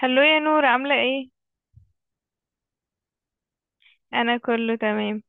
هلو يا نور، عاملة ايه؟ انا كله تمام.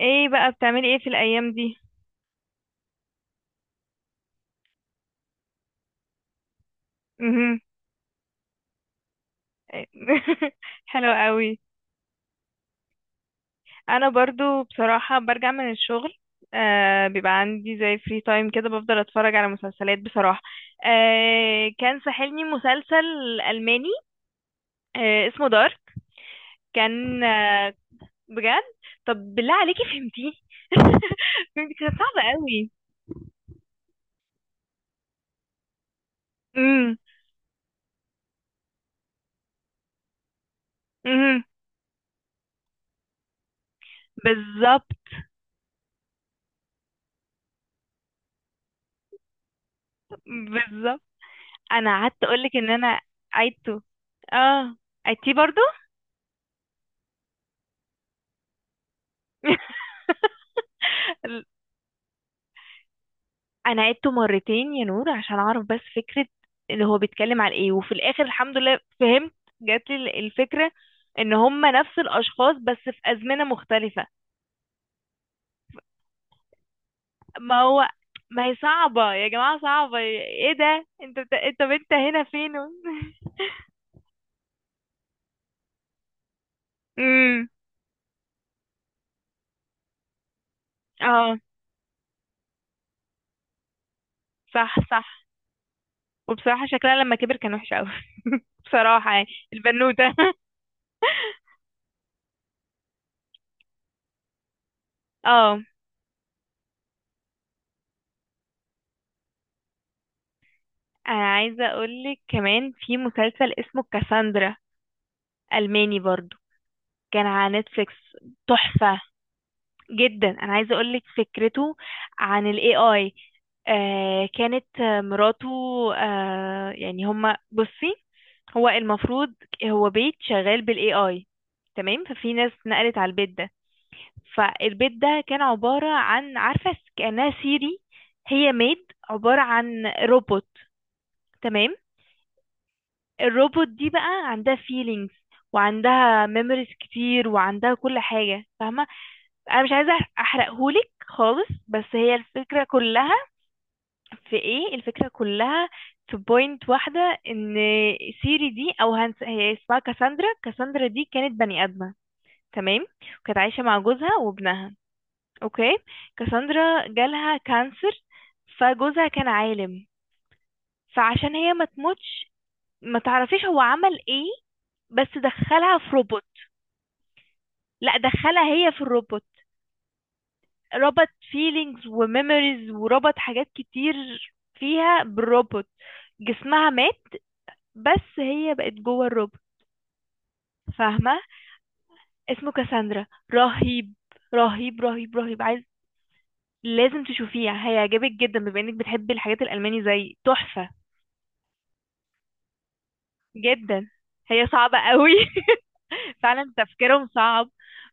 ايه بقى بتعملي ايه في الايام دي؟ مهم. حلو قوي. انا برضو بصراحة برجع من الشغل. بيبقى عندي زي فري تايم كده، بفضل اتفرج على مسلسلات بصراحة. كان ساحلني مسلسل الماني، اسمه دارك. كان بجد. طب بالله عليكي فهمتيه؟ فهمتي، كانت صعبة قوي. امم امم. بالظبط. بالظبط. انا قعدت اقولك ان انا عيدته. اه عيدتيه برضو. انا عيدته مرتين يا نور عشان اعرف بس فكرة ان هو بيتكلم عن ايه، وفي الاخر الحمد لله فهمت. جات لي الفكرة ان هما نفس الاشخاص بس في ازمنة مختلفة. ما هو ما هي صعبة يا جماعة، صعبة ايه ده، انت هنا فين؟ امم. اه صح. صح. وبصراحة شكلها لما كبر كان وحش قوي. بصراحة يعني البنوتة. اه انا عايزه اقولك كمان في مسلسل اسمه كاساندرا، الماني برضو، كان على نتفليكس. تحفه جدا. انا عايزه اقولك فكرته، عن الاي اي. كانت مراته. يعني هما بصي، هو المفروض هو بيت شغال بالاي اي. تمام، ففي ناس نقلت على البيت ده. فالبيت ده كان عباره عن، عارفه، كانها سيري. هي ميد عباره عن روبوت. تمام. الروبوت دي بقى عندها feelings، وعندها memories كتير، وعندها كل حاجة، فاهمة. انا مش عايزة احرقهولك خالص، بس هي الفكرة كلها في ايه. الفكرة كلها في بوينت واحدة، ان سيري دي او هي اسمها كاساندرا. كاساندرا دي كانت بني ادمة، تمام، وكانت عايشة مع جوزها وابنها. اوكي. كاساندرا جالها كانسر. فجوزها كان عالم، فعشان هي ما تموتش، ما تعرفيش هو عمل ايه، بس دخلها في روبوت. لا، دخلها هي في الروبوت. ربط فيلينجز وميموريز وربط حاجات كتير فيها بالروبوت. جسمها مات، بس هي بقت جوه الروبوت، فاهمة. اسمه كاساندرا. رهيب رهيب رهيب رهيب. عايز، لازم تشوفيه، هيعجبك جدا، بما انك بتحبي الحاجات الألماني، زي تحفة. جدا، هي صعبة قوي. فعلا تفكيرهم صعب،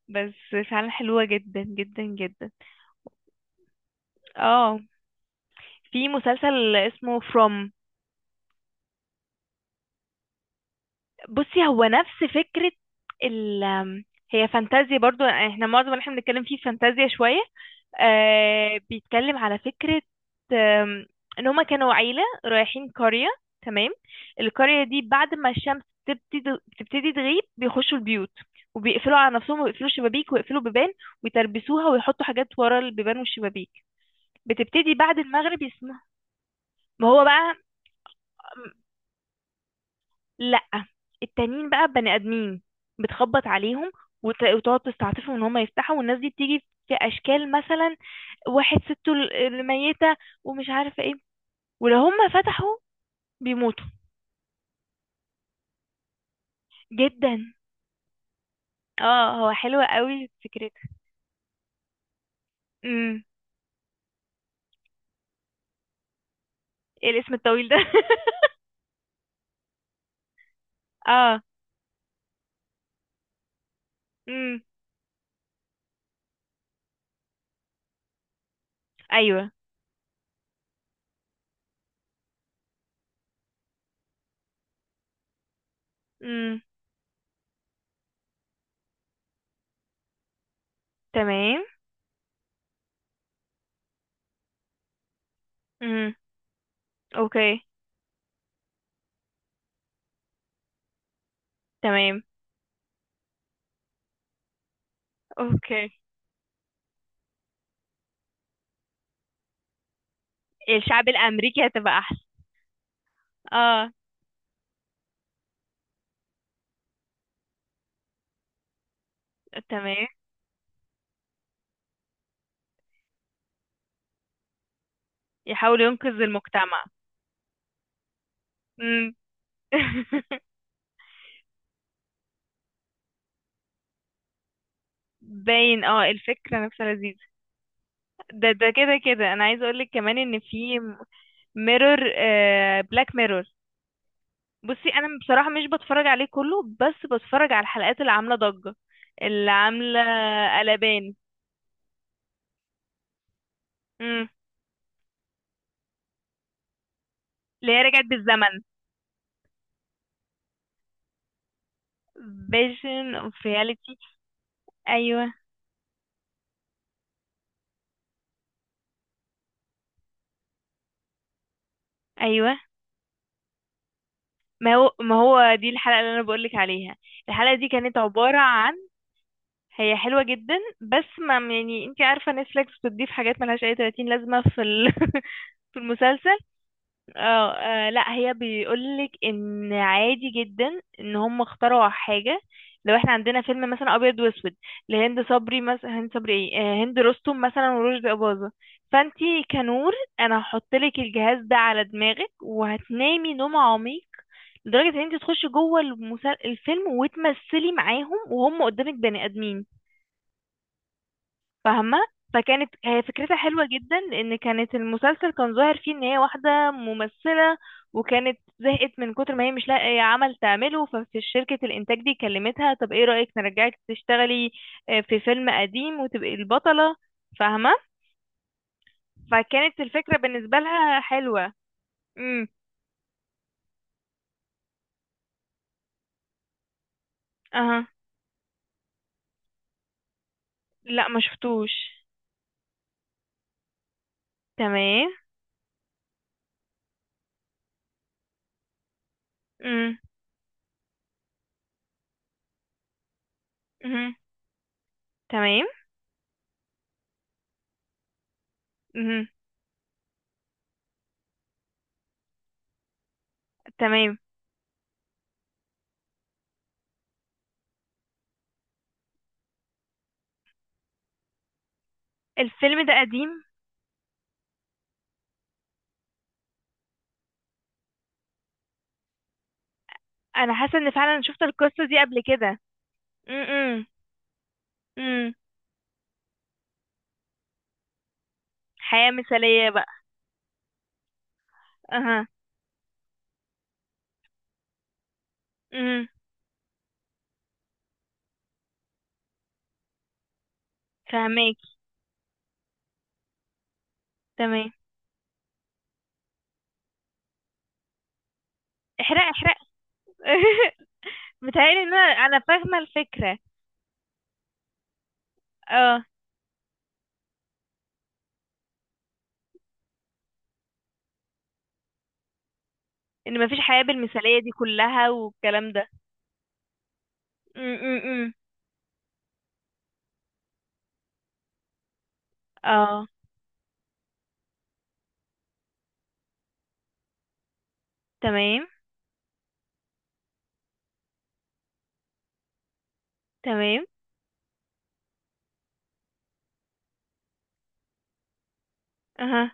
بس فعلا حلوة جدا جدا جدا. اه في مسلسل اسمه فروم. بصي هو نفس فكرة ال هي فانتازيا برضو. احنا معظم اللي احنا بنتكلم فيه فانتازيا شوية. بيتكلم على فكرة، آم، ان هما كانوا عيلة رايحين قرية. تمام. القرية دي، بعد ما الشمس تبتدي، تغيب بيخشوا البيوت، وبيقفلوا على نفسهم، ويقفلوا الشبابيك، ويقفلوا بيبان، ويتربسوها، ويحطوا حاجات ورا البيبان والشبابيك. بتبتدي بعد المغرب يسمع، ما هو بقى. لأ، التانيين بقى بني آدمين. بتخبط عليهم، وتقعد تستعطفهم ان هم يفتحوا، والناس دي بتيجي في اشكال مثلا، واحد سته الميتة، ومش عارفة ايه، ولو هم فتحوا بيموتوا. جدا. اه هو حلو قوي فكرته. امم، ايه الاسم الطويل ده؟ اه. امم. ايوه. امم. تمام. امم. اوكي. تمام. اوكي. الشعب الامريكي هتبقى احسن. اه. تمام. يحاول ينقذ المجتمع. باين، اه الفكرة نفسها لذيذة. ده كده كده انا عايزة اقولك كمان ان في ميرور، بلاك ميرور. بصي انا بصراحة مش بتفرج عليه كله، بس بتفرج على الحلقات اللي عاملة ضجة، اللي عاملة قلبان. امم. اللي هي رجعت بالزمن، فيجن اوف رياليتي. ايوه ايوه. ما هو دي الحلقة اللي انا بقولك عليها. الحلقة دي كانت عبارة عن، هي حلوة جدا. بس ما يعني، انتي عارفة نتفليكس بتضيف حاجات ملهاش اي 30 لازمة في في المسلسل. اه لا هي بيقولك ان عادي جدا ان هم اخترعوا حاجة، لو احنا عندنا فيلم مثلا ابيض واسود لهند صبري مثلا، هند صبري ايه، هند رستم مثلا ورشدي اباظة، فانتي كنور، انا هحطلك الجهاز ده على دماغك وهتنامي نوم عميق لدرجة ان انتي تخشي جوه الفيلم وتمثلي معاهم وهم قدامك بني ادمين، فاهمة. فكانت هي فكرتها حلوة جدا، لأن كانت المسلسل كان ظاهر فيه إن هي واحدة ممثلة، وكانت زهقت من كتر ما هي مش لاقية عمل تعمله، ففي شركة الإنتاج دي كلمتها طب إيه رأيك نرجعك تشتغلي في فيلم قديم وتبقي البطلة، فاهمة. فكانت الفكرة بالنسبة لها حلوة. امم. أها. لا ما شفتوش. تمام. امم. أمم. تمام. امم. تمام. الفيلم ده قديم؟ أنا حاسة إن فعلا شفت القصة دي قبل كده. امم. امم. حياة مثالية بقى. اها. امم. فهماكي. تمام. احرق احرق. متهيألي ان انا، انا فاهمة الفكرة. اه، ان مفيش حياة بالمثالية دي كلها والكلام ده. امم. اه. تمام. تمام. اها.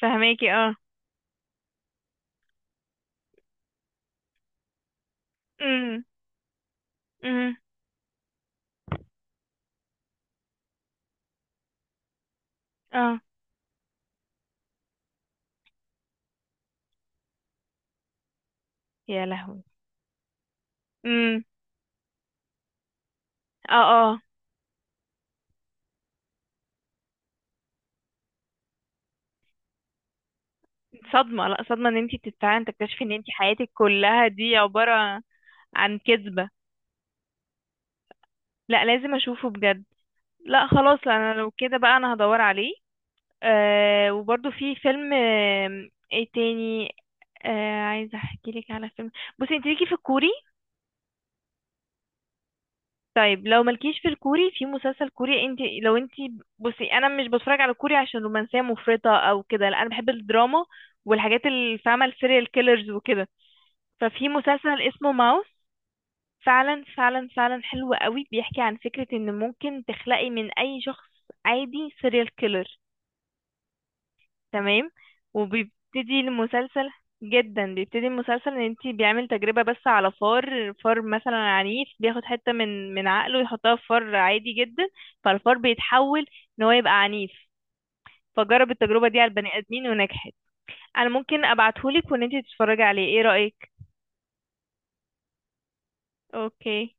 فهماكي اه. امم. امم. اه. يا لهوي. امم. اه. اه صدمة، لا صدمة ان انتي بتتفاعلي، انت تكتشفي ان انتي حياتك كلها دي عبارة عن كذبة. لا لازم اشوفه بجد. لا خلاص، انا لو كده بقى انا هدور عليه. آه وبرضو في فيلم، ايه تاني؟ عايزه احكي لك على فيلم. بصي انت ليكي في الكوري؟ طيب لو مالكيش في الكوري، في مسلسل كوري، انت لو انت، بصي انا مش بتفرج على كوري عشان رومانسيه مفرطه او كده، لا انا بحب الدراما والحاجات اللي، فاهمه، السيريال كيلرز وكده. ففي مسلسل اسمه ماوس، فعلا فعلا فعلا حلو قوي. بيحكي عن فكره ان ممكن تخلقي من اي شخص عادي سيريال كيلر. تمام. وبيبتدي المسلسل، جدا. بيبتدي المسلسل ان انتي، بيعمل تجربة بس على فار، فار مثلا عنيف بياخد حتة من عقله يحطها في فار عادي جدا، فالفار بيتحول ان هو يبقى عنيف. فجرب التجربة دي على البني ادمين ونجحت. انا ممكن ابعتهولك وان انتي تتفرجي عليه، ايه رأيك؟ اوكي.